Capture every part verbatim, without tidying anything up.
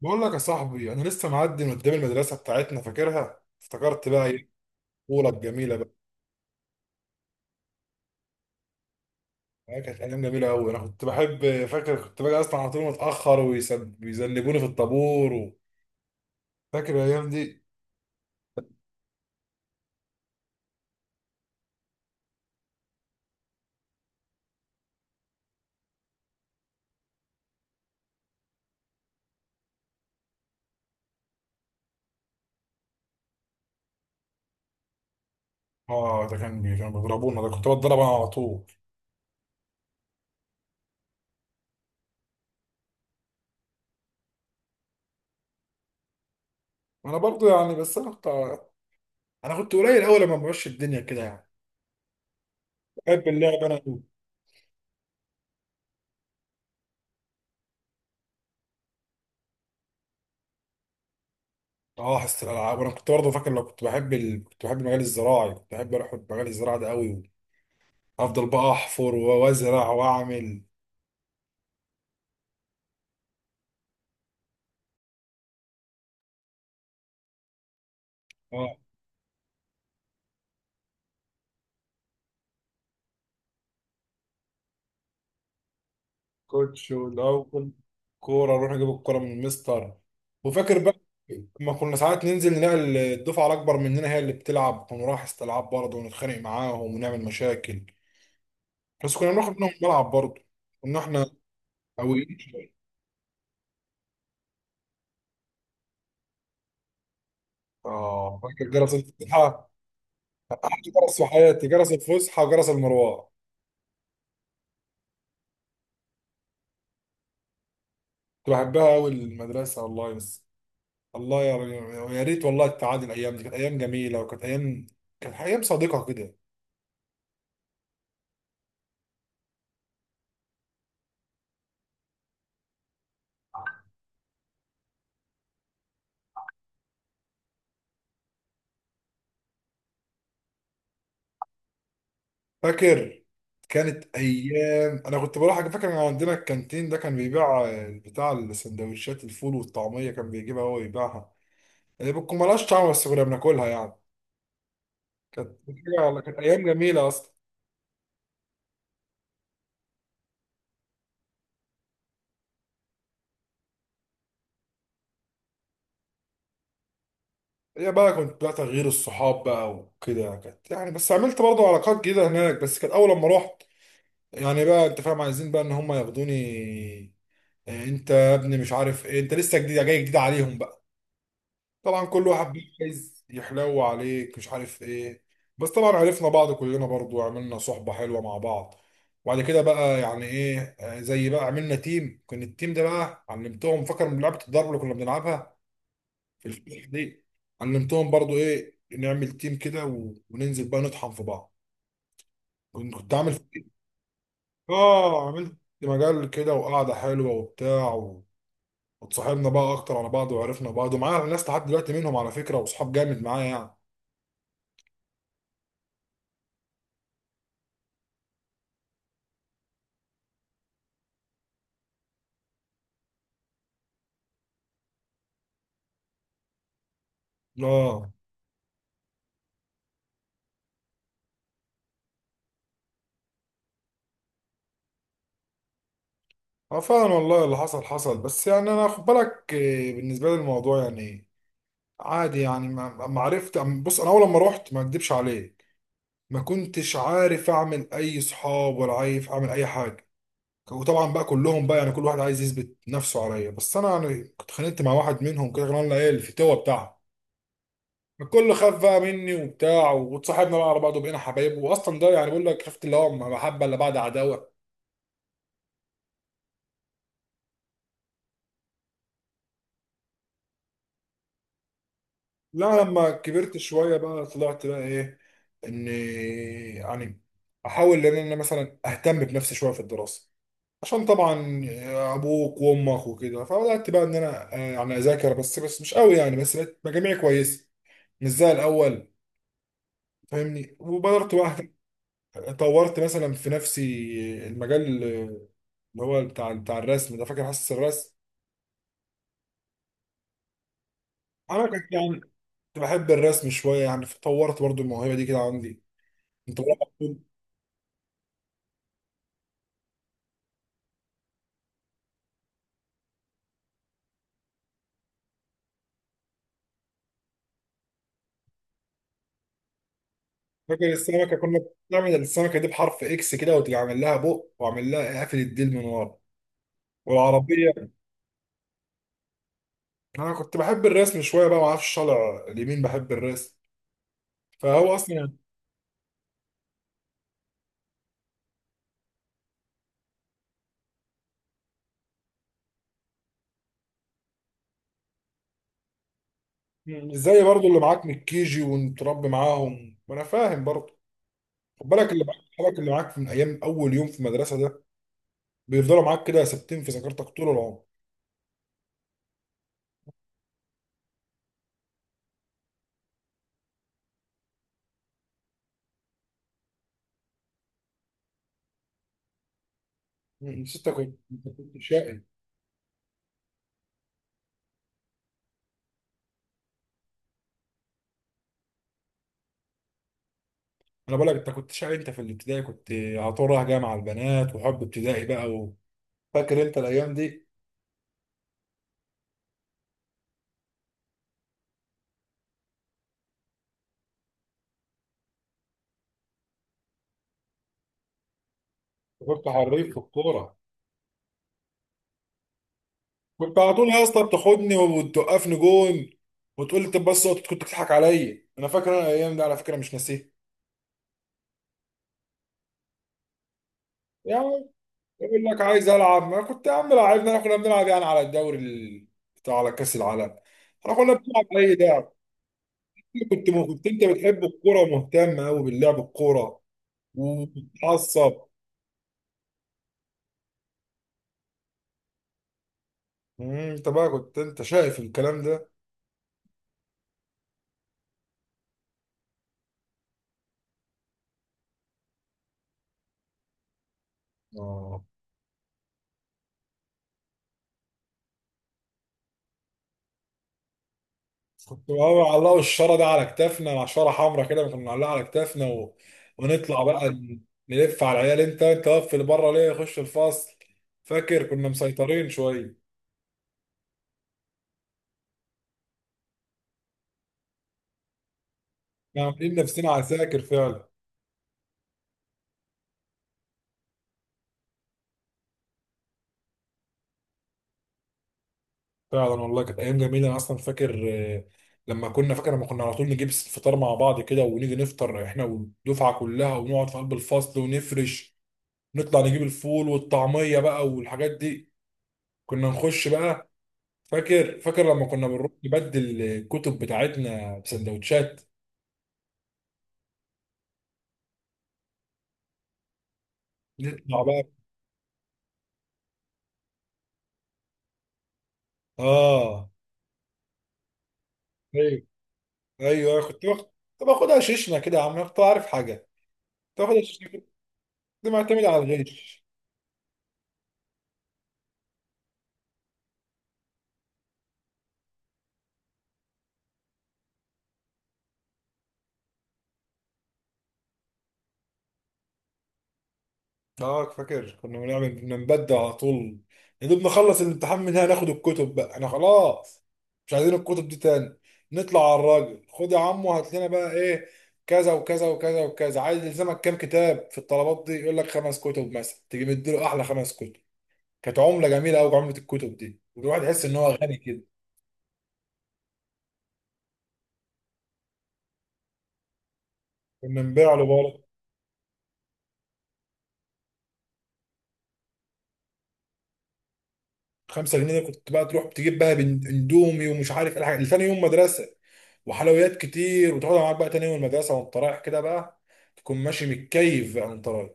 بقول لك يا صاحبي، انا لسه معدي من قدام المدرسه بتاعتنا فاكرها. افتكرت بقى ايه الطفوله الجميله بقى. آه، كانت ايام جميله قوي. انا كنت بحب، فاكر كنت باجي اصلا على طول متاخر ويذنبوني في الطابور و... فاكر الايام دي. اه، ده كان كانوا بيضربونا، ده كنت بتضرب انا على طول. انا برضو يعني بس انا كنت. انا كنت قليل قوي لما بمشي الدنيا كده يعني. بحب اللعب انا قوي. اه، حصه الالعاب، وانا كنت برضه فاكر لو كنت بحب ال... كنت بحب المجال الزراعي، كنت بحب اروح المجال الزراعي ده قوي. افضل بقى احفر وازرع واعمل. آه. كوتش والاول كوره، اروح اجيب الكوره من المستر. وفاكر بقى ما كنا ساعات ننزل نلاقي الدفعه الاكبر مننا هي اللي بتلعب، ونروح استلعاب برضه ونتخانق معاهم ونعمل مشاكل. بس كنا بناخد منهم الملعب برضه. كنا احنا قويين شويه. اه، فاكر جرس الفسحه. أحلى جرس في حياتي جرس الفسحه وجرس المروه. كنت بحبها قوي المدرسه والله، بس الله يا يا ريت والله تعاد الايام دي. كانت ايام جميله، وكانت ايام كانت ايام صادقه كده. فاكر كانت ايام انا كنت بروح، فاكر ان عندنا الكانتين ده كان بيبيع آه، بتاع السندوتشات، الفول والطعميه، كان بيجيبها هو ويبيعها، اللي بتكون مالهاش طعم بس كنا بناكلها يعني. كانت حاجة- كانت ايام جميله اصلا. هي بقى كنت بقى تغيير الصحاب بقى وكده يعني، كانت يعني، بس عملت برضو علاقات جديده هناك، بس كانت اول لما رحت يعني بقى، انت فاهم، عايزين بقى ان هم ياخدوني. آه، انت يا ابني مش عارف ايه، انت لسه جديد، جاي جديد عليهم بقى. طبعا كل واحد بقى عايز يحلو عليك، مش عارف ايه. بس طبعا عرفنا بعض كلنا برضو، وعملنا صحبة حلوة مع بعض. وبعد كده بقى يعني ايه، آه، زي بقى عملنا تيم. كان التيم ده بقى علمتهم، فاكر، من لعبة الضرب اللي كنا بنلعبها في الفترة دي. علمتهم برضو ايه نعمل تيم كده و- وننزل بقى نطحن في بعض. كنت كنت عامل فريق. اه، عملت مجال كده وقعدة حلوة وبتاع و... واتصاحبنا بقى اكتر على بعض، وعرفنا بعض ومعايا ناس لحد دلوقتي منهم على فكرة، واصحاب جامد معايا يعني. اه. اه فعلا والله، اللي حصل حصل، بس يعني انا خد بالك، آه، بالنسبه لي الموضوع يعني عادي يعني. ما ما عرفت أم- بص، انا اول لما رحت، ما اكدبش عليك، ما كنتش عارف اعمل اي صحاب، ولا عارف اعمل اي حاجه. وطبعا بقى كلهم بقى يعني، كل واحد عايز يثبت نفسه عليا، بس انا يعني كنت خانقت مع واحد منهم كده، كان لنا ايه الفتوه بتاعها. الكل خاف بقى مني وبتاع، واتصاحبنا بقى على بعض وبقينا حبايب، واصلا ده يعني بقول لك، شفت اللي هو محبه الا بعد عداوه. لا لما كبرت شوية بقى طلعت بقى ايه، اني يعني احاول ان انا مثلا اهتم بنفسي شوية في الدراسة، عشان طبعا ابوك وامك وكده. فبدأت بقى ان انا، آه، يعني اذاكر، بس بس مش قوي يعني، بس بقت مجاميعي كويسة، مش زي الاول، فاهمني. وبدرت بقى أهتم- طورت مثلا في نفسي المجال اللي هو بتاع بتاع الرسم ده، فاكر، حاسس الرسم. انا كنت يعني كنت بحب الرسم شوية يعني، فطورت برضو الموهبة دي كده عندي. انت بقى فاكر السمكه؟ كنا بنعمل السمكه دي بحرف اكس كده، وتعمل لها بق، واعمل لها قافل الديل من ورا، والعربيه. انا كنت بحب الرسم شويه بقى، ما اعرفش، طالع اليمين بحب الرسم. فهو اصلا ازاي برضو اللي معاك من الكيجي ومتربي معاهم، وانا فاهم برضو. خد بالك، اللي معاك صحابك اللي معاك من ايام اول يوم في المدرسه ده، بيفضلوا معاك كده ثابتين في ذاكرتك طول العمر. بس انت كنت انت كنت شقي. انا بقول لك انت كنت شقي. انت في الابتدائي كنت على طول رايح جامعه البنات، وحب ابتدائي بقى و... فاكر انت الايام دي؟ كنت حريف في الكورة. كنت على طول يا اسطى بتاخدني وتوقفني جون، وتقول لي طب بس أقعد. كنت بتضحك عليا، انا فاكر انا الايام دي على فكرة، مش ناسيها يعني. يقول لك عايز العب. ما كنت يا عم، لعبنا، احنا كنا بنلعب يعني على الدوري ال- بتاع على كأس العالم. احنا كنا بنلعب اي لعب. كنت كنت انت بتحب الكورة، ومهتم قوي باللعب الكورة وبتتعصب. مم، انت بقى كنت انت شايف الكلام ده. آه. كنت بقى علقوا الشارة ده على كتافنا، مع شارة حمراء كده كنا بنعلقها على كتافنا و... ونطلع بقى ن- نلف على العيال، انت انت واقف اللي بره ليه، خش الفصل. فاكر كنا مسيطرين شوية. كنا عاملين نفسنا عساكر فعلا. فعلا والله كانت أيام جميلة. أنا أصلا فاكر، آه، لما كنا فاكر لما كنا على طول نجيب الفطار مع بعض كده، ونيجي نفطر احنا والدفعة كلها، ونقعد في قلب الفصل ونفرش. نطلع نجيب الفول والطعمية بقى والحاجات دي، كنا نخش بقى. فاكر فاكر لما كنا بنروح نبدل الكتب بتاعتنا بسندوتشات. نطلع بقى. اه. ايوه، ايوه كنت باخد. كنت باخدها شيشنا كده يا عم، كنت عارف حاجه. كنت باخدها شيشنا كده، كنت معتمد على الغش. اه، فاكر كنا بنعمل كنا نبدل على طول. يا دوب نخلص الامتحان من هنا، ناخد الكتب بقى انا خلاص، مش عايزين الكتب دي تاني. نطلع على الراجل، خد يا عم وهات لنا بقى ايه كذا وكذا وكذا وكذا. عايز يلزمك كام كتاب في الطلبات دي؟ يقول لك خمس كتب مثلا، تيجي مديله احلى خمس كتب. كانت عمله جميله قوي عمله الكتب دي، والواحد يحس ان هو غني كده. كنا نبيع له بقى خمسة جنيه. ده كنت بقى تروح تجيب بقى بن- اندومي ومش عارف ايه، الحاجات لتاني يوم مدرسه، وحلويات كتير، وتاخدها معاك بقى تاني يوم المدرسه، وانت رايح كده بقى تكون ماشي متكيف بقى وانت رايح.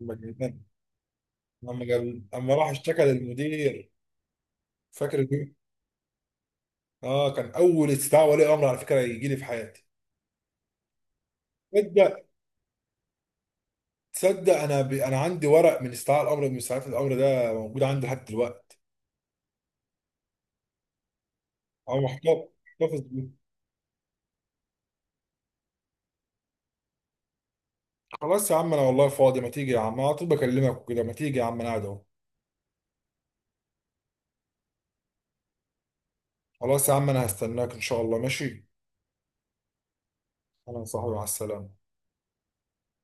لما جبنا- لما جاب، اما راح اشتكى للمدير. فاكر دي؟ اه، كان اول استدعاء ولي امر على فكره يجي لي في حياتي. تصدق تصدق انا ب... انا عندي ورق من استدعاء الامر من استدعاء الامر ده موجود عندي لحد دلوقتي. او محتفظ محتفظ خلاص. يا عم انا والله فاضي، ما تيجي يا عم، انا على طول بكلمك وكده. ما تيجي يا عم انا قاعد اهو. خلاص يا عم، انا هستناك ان شاء الله، ماشي. انا صاحبي، مع السلامه.